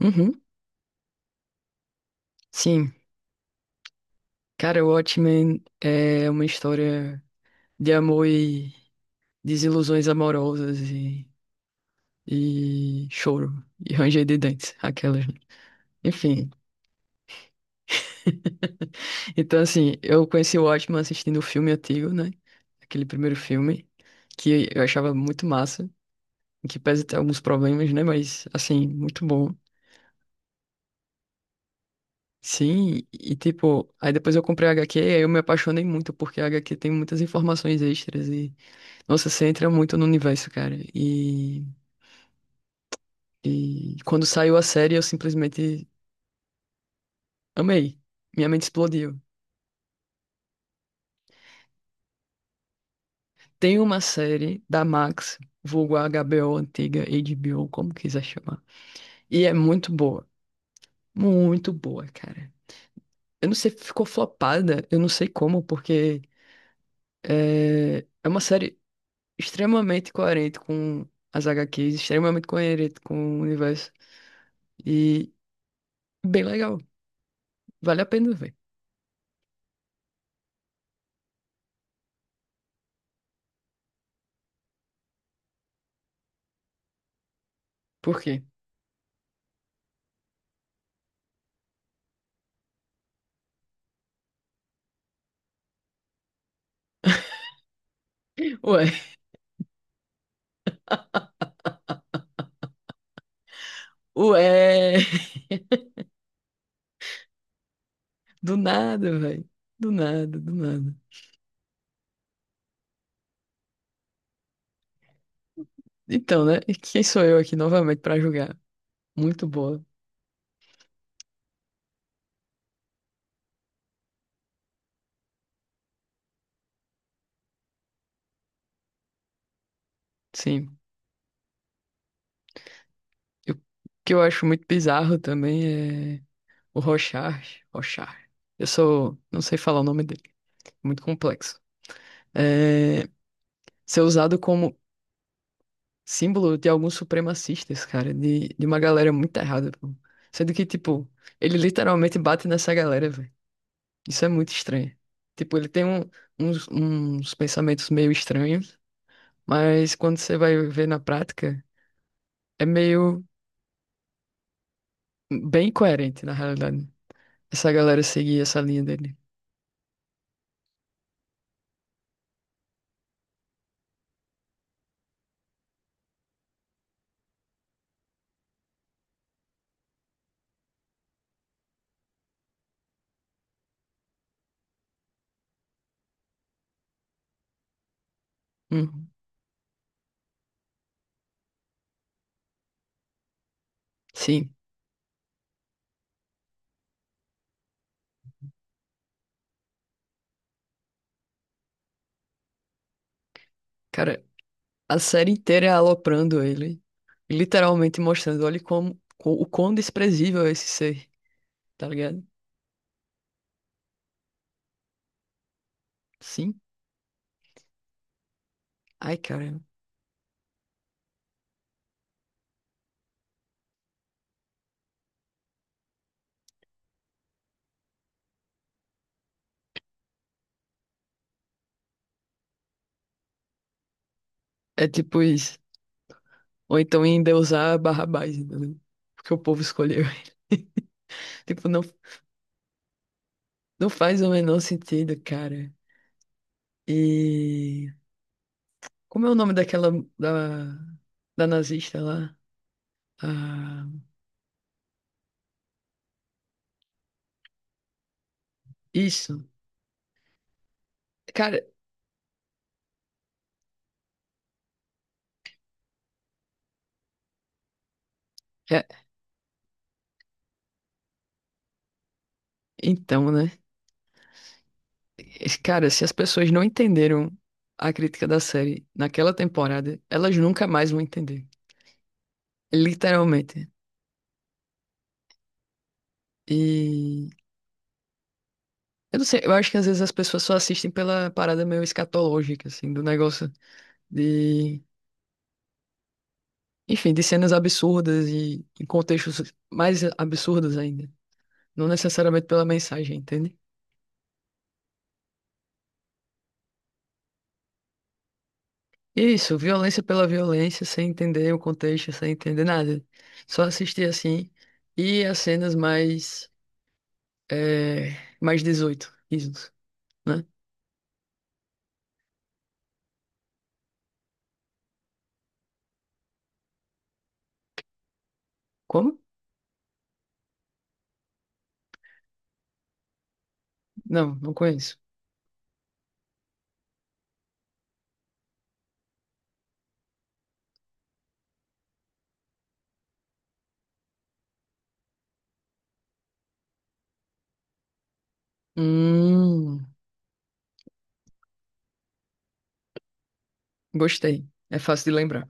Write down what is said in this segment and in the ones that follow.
Uhum, sim. Cara, o Watchmen é uma história de amor e desilusões amorosas e choro e ranger de dentes, aquelas, né? Enfim. Então, assim, eu conheci o Watchmen assistindo o filme antigo, né? Aquele primeiro filme, que eu achava muito massa, que pese ter alguns problemas, né? Mas, assim, muito bom. Sim, e tipo, aí depois eu comprei a HQ e aí eu me apaixonei muito, porque a HQ tem muitas informações extras e nossa, você entra muito no universo, cara. E quando saiu a série, eu simplesmente amei. Minha mente explodiu. Tem uma série da Max, vulgo HBO antiga, HBO, como quiser chamar. E é muito boa. Muito boa, cara. Eu não sei, ficou flopada, eu não sei como, porque é uma série extremamente coerente com as HQs, extremamente coerente com o universo. E bem legal. Vale a pena ver. Por quê? Ué. Ué, do nada, velho. Do nada, do nada. Então, né? E quem sou eu aqui novamente pra julgar? Muito boa. Sim. O que eu acho muito bizarro também é o Rochard. Rochard. Eu sou. Não sei falar o nome dele. Muito complexo. É, ser usado como símbolo de alguns supremacistas, cara. De uma galera muito errada, pô. Sendo que, tipo, ele literalmente bate nessa galera, velho. Isso é muito estranho. Tipo, uns, uns pensamentos meio estranhos. Mas quando você vai ver na prática, é meio bem coerente, na realidade. Essa galera seguir essa linha dele. Uhum. Sim, cara, a série inteira é aloprando ele, e literalmente mostrando, olha como, o quão desprezível é esse ser, tá ligado? Sim. Ai, cara, é tipo isso. Ou então endeusar Barrabás, entendeu? Porque o povo escolheu ele. Tipo, não, não faz o menor sentido, cara. E como é o nome daquela da, da nazista lá? Ah, isso. Cara, é- então, né? Cara, se as pessoas não entenderam a crítica da série naquela temporada, elas nunca mais vão entender. Literalmente. E eu não sei, eu acho que às vezes as pessoas só assistem pela parada meio escatológica, assim, do negócio de, enfim, de cenas absurdas e em contextos mais absurdos ainda. Não necessariamente pela mensagem, entende? Isso, violência pela violência, sem entender o contexto, sem entender nada. Só assistir assim. E as cenas mais. É, mais 18, isso, né? Como? Não, não conheço. Hum, gostei. É fácil de lembrar.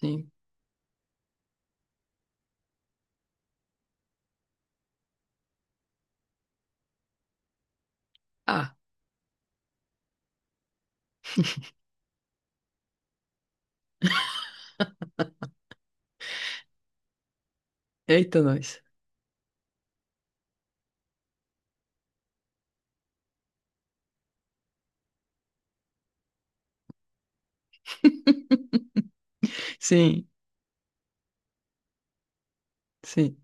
Sim. Ah, eita nós. Sim, sim.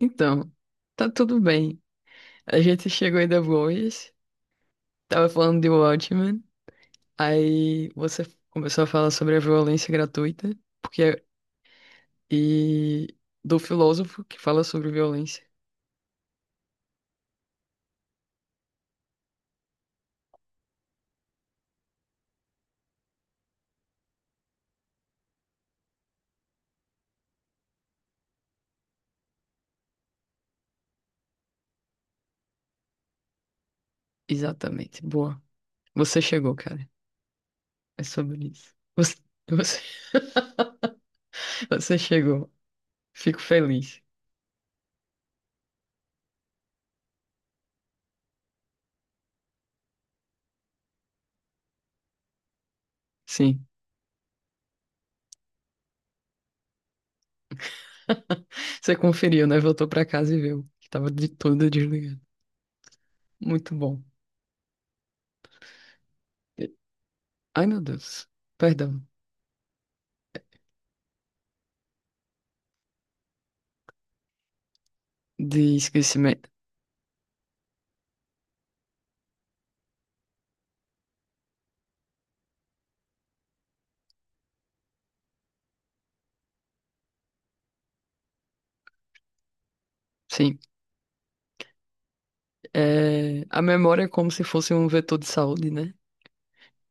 Então, tá tudo bem. A gente chegou em The Voice, tava falando de Watchmen, aí você começou a falar sobre a violência gratuita, porque e do filósofo que fala sobre violência. Exatamente. Boa. Você chegou, cara. É sobre isso. Você, você chegou. Fico feliz. Sim. Você conferiu, né? Voltou pra casa e viu que tava de tudo desligado. Muito bom. Ai, meu Deus. Perdão. De esquecimento. Sim. É, a memória é como se fosse um vetor de saúde, né?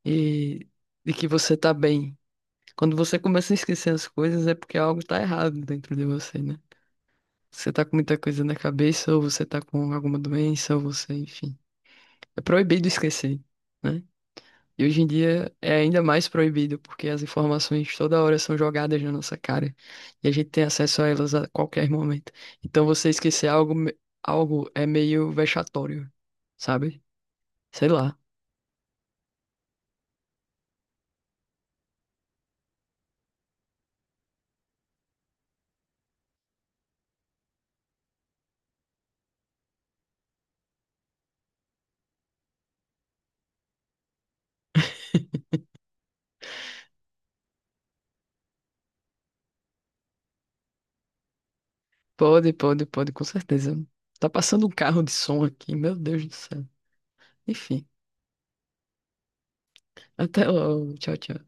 E de que você tá bem. Quando você começa a esquecer as coisas, é porque algo tá errado dentro de você, né? Você tá com muita coisa na cabeça, ou você tá com alguma doença, ou você, enfim. É proibido esquecer, né? E hoje em dia é ainda mais proibido, porque as informações toda hora são jogadas na nossa cara. E a gente tem acesso a elas a qualquer momento. Então você esquecer algo, algo é meio vexatório, sabe? Sei lá. Pode, pode, pode, com certeza. Tá passando um carro de som aqui, meu Deus do céu. Enfim. Até logo. Tchau, tchau.